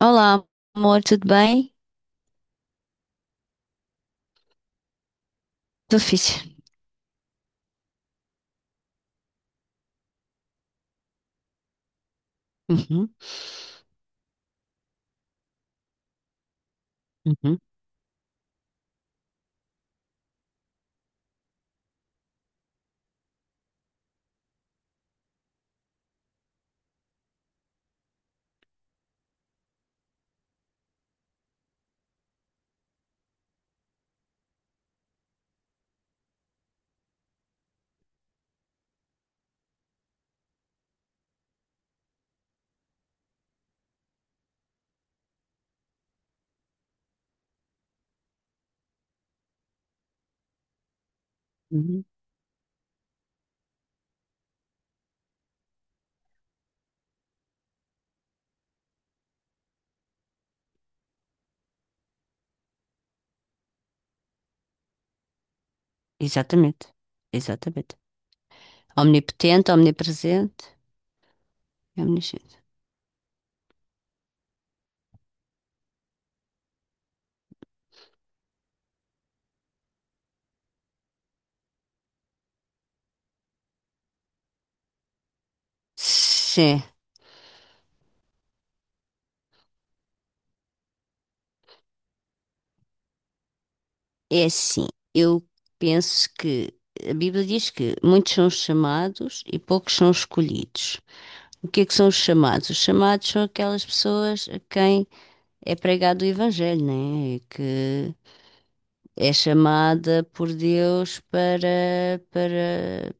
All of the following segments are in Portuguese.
Olá, amor, tudo bem? Tudo fixe. Uhum, uhum, uhum. Exatamente, exatamente. Omnipotente, omnipresente, é omnisciente. Sim, é assim. Eu penso que a Bíblia diz que muitos são os chamados e poucos são os escolhidos. O que é que são os chamados? Os chamados são aquelas pessoas a quem é pregado o Evangelho, né? Que é chamada por Deus para, para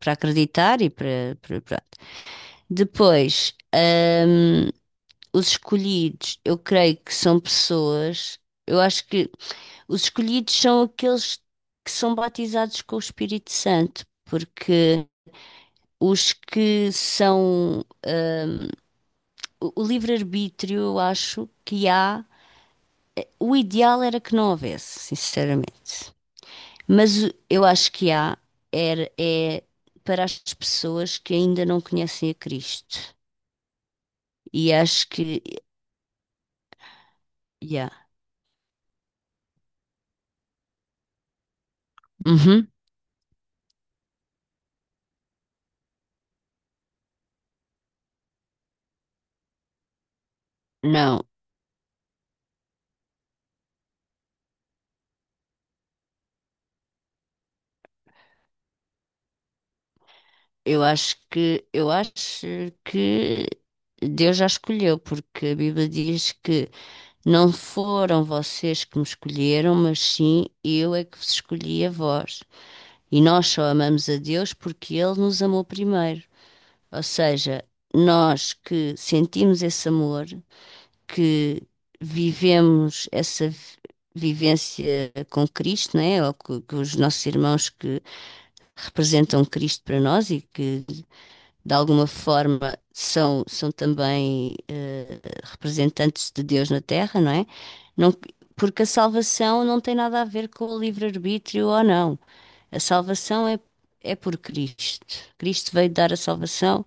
para acreditar e para pronto. Depois, os escolhidos, eu creio que são pessoas, eu acho que os escolhidos são aqueles que são batizados com o Espírito Santo, porque os que são o livre-arbítrio, eu acho que há, o ideal era que não houvesse, sinceramente. Mas eu acho que há, era, é para as pessoas que ainda não conhecem a Cristo. E acho que yeah. Uhum. Não, eu acho que Deus já escolheu, porque a Bíblia diz que não foram vocês que me escolheram, mas sim eu é que vos escolhi a vós. E nós só amamos a Deus porque Ele nos amou primeiro. Ou seja, nós que sentimos esse amor, que vivemos vivência com Cristo, né? Ou que os nossos irmãos que representam Cristo para nós e que, de alguma forma, são, são também representantes de Deus na Terra, não é? Não- porque a salvação não tem nada a ver com o livre-arbítrio ou não. A salvação é, é por Cristo. Cristo veio dar a salvação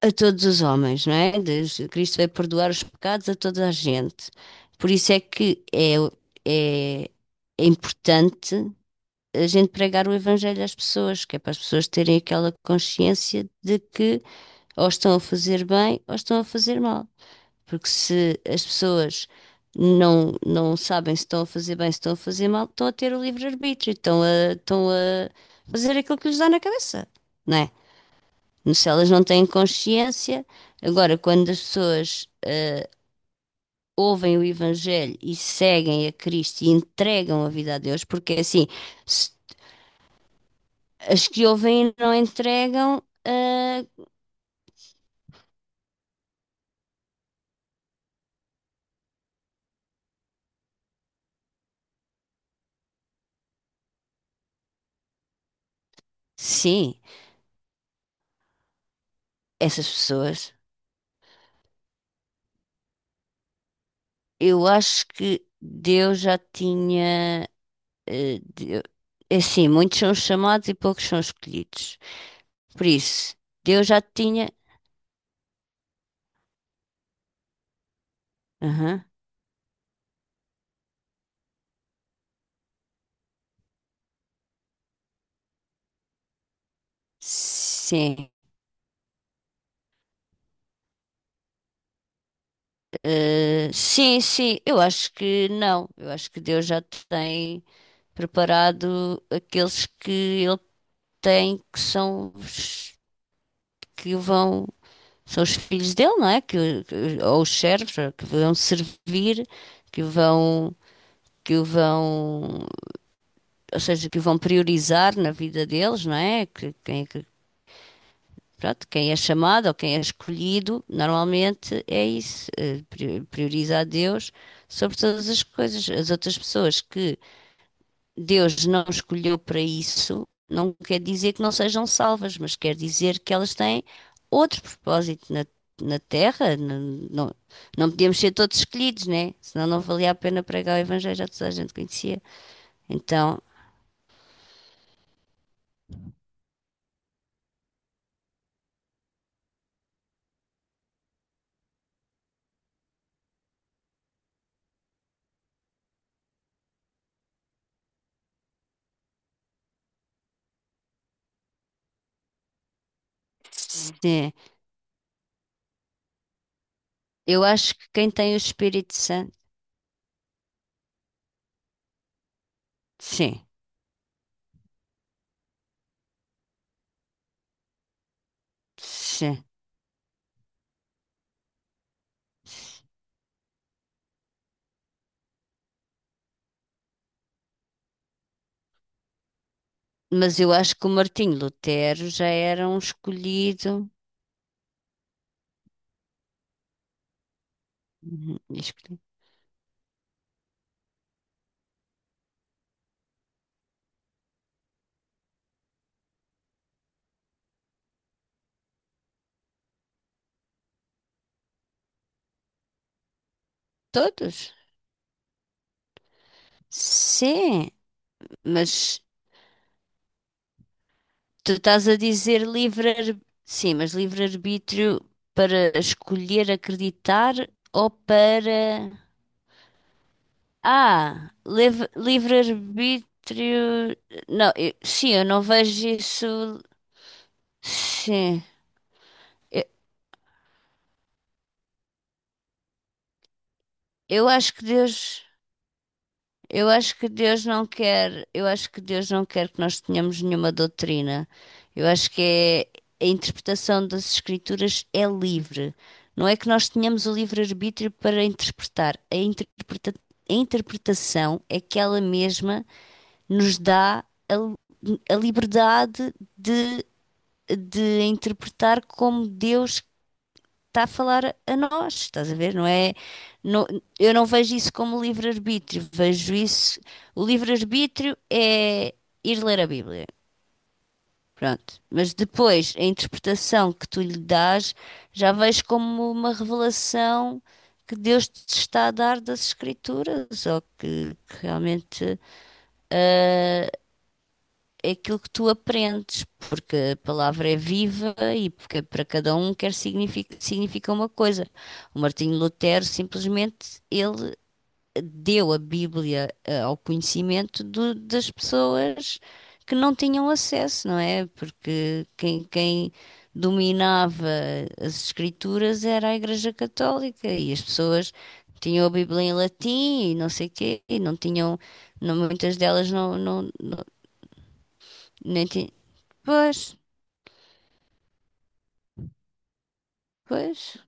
a todos os homens, não é? Cristo veio perdoar os pecados a toda a gente. Por isso é que é, é, é importante a gente pregar o evangelho às pessoas, que é para as pessoas terem aquela consciência de que ou estão a fazer bem ou estão a fazer mal. Porque se as pessoas não sabem se estão a fazer bem, se estão a fazer mal, estão a ter o livre-arbítrio, estão a fazer aquilo que lhes dá na cabeça, não é? Se elas não têm consciência, agora quando as pessoas ouvem o Evangelho e seguem a Cristo e entregam a vida a Deus, porque é assim, se as que ouvem e não entregam, ah, sim, essas pessoas. Eu acho que Deus já tinha. eh, Deu- É assim, muitos são os chamados e poucos são os escolhidos. Por isso, Deus já tinha. Aham, sim. Sim, sim, eu acho que não. Eu acho que Deus já tem preparado aqueles que ele tem, que são os que vão. São os filhos dele, não é? Que ou os servos, ou que vão servir, que vão, que o vão, ou seja, que o vão priorizar na vida deles, não é? Que, quem, é pronto, quem é chamado ou quem é escolhido, normalmente é isso, prioriza a Deus sobre todas as coisas. As outras pessoas que Deus não escolheu para isso, não quer dizer que não sejam salvas, mas quer dizer que elas têm outro propósito na Terra. Não, não, não podíamos ser todos escolhidos, né? Senão não valia a pena pregar o Evangelho, já toda a gente conhecia. Então, sim, eu acho que quem tem o Espírito Santo, sim, sim. Mas eu acho que o Martinho Lutero já era um escolhido. Uhum, escolhido. Todos? Sim, mas tu estás a dizer livre, sim, mas livre-arbítrio para escolher acreditar ou para. Ah, livre-arbítrio. Não, sim, eu não vejo isso. Sim, eu, eu acho que Deus. Eu acho que Deus não quer, eu acho que Deus não quer que nós tenhamos nenhuma doutrina. Eu acho que é, a interpretação das Escrituras é livre. Não é que nós tenhamos o livre-arbítrio para interpretar. A interpretação é que ela mesma nos dá a liberdade de interpretar como Deus está a falar a nós, estás a ver? Não é, não- eu não vejo isso como livre-arbítrio, vejo isso. O livre-arbítrio é ir ler a Bíblia, pronto. Mas depois, a interpretação que tu lhe dás, já vejo como uma revelação que Deus te está a dar das Escrituras, ou que realmente. É aquilo que tu aprendes, porque a palavra é viva e porque para cada um quer significa, significa uma coisa. O Martinho Lutero simplesmente ele deu a Bíblia ao conhecimento das pessoas que não tinham acesso, não é? Porque quem dominava as escrituras era a Igreja Católica e as pessoas tinham a Bíblia em latim e não sei quê, e não tinham, muitas delas não, nem, ti- Pois, pois.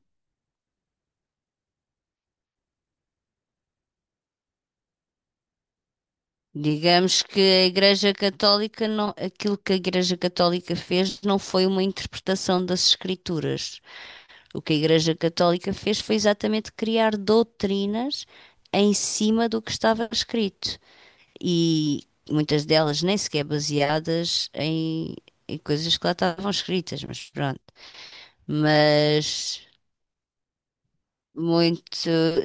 Digamos que a Igreja Católica não, aquilo que a Igreja Católica fez não foi uma interpretação das Escrituras. O que a Igreja Católica fez foi exatamente criar doutrinas em cima do que estava escrito. E muitas delas nem sequer baseadas em, em coisas que lá estavam escritas, mas pronto. Mas muito,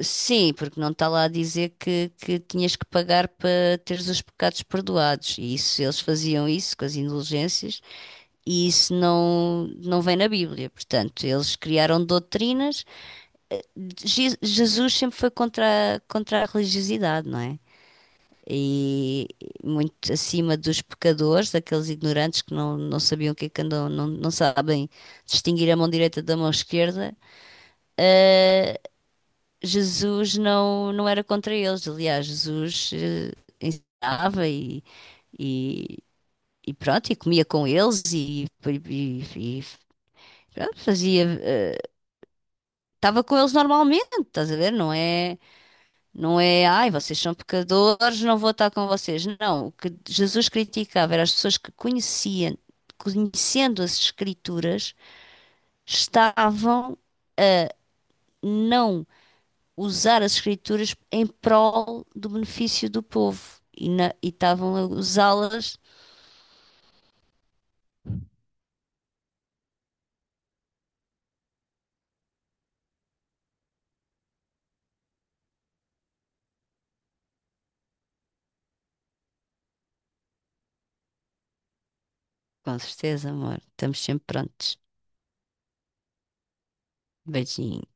sim, porque não está lá a dizer que tinhas que pagar para teres os pecados perdoados. E isso, eles faziam isso com as indulgências, e isso não, não vem na Bíblia. Portanto, eles criaram doutrinas. Jesus sempre foi contra, contra a religiosidade, não é? E muito acima dos pecadores, daqueles ignorantes que não sabiam o que é que andam, não sabem distinguir a mão direita da mão esquerda. Jesus não, não era contra eles. Aliás, Jesus ensinava e, e pronto, e comia com eles pronto, fazia, estava com eles normalmente, estás a ver? Não é, não é, ai, vocês são pecadores, não vou estar com vocês. Não, o que Jesus criticava era as pessoas que conheciam, conhecendo as Escrituras, estavam não usar as escrituras em prol do benefício do povo e estavam a usá-las. Com certeza, amor. Estamos sempre prontos. Beijinho.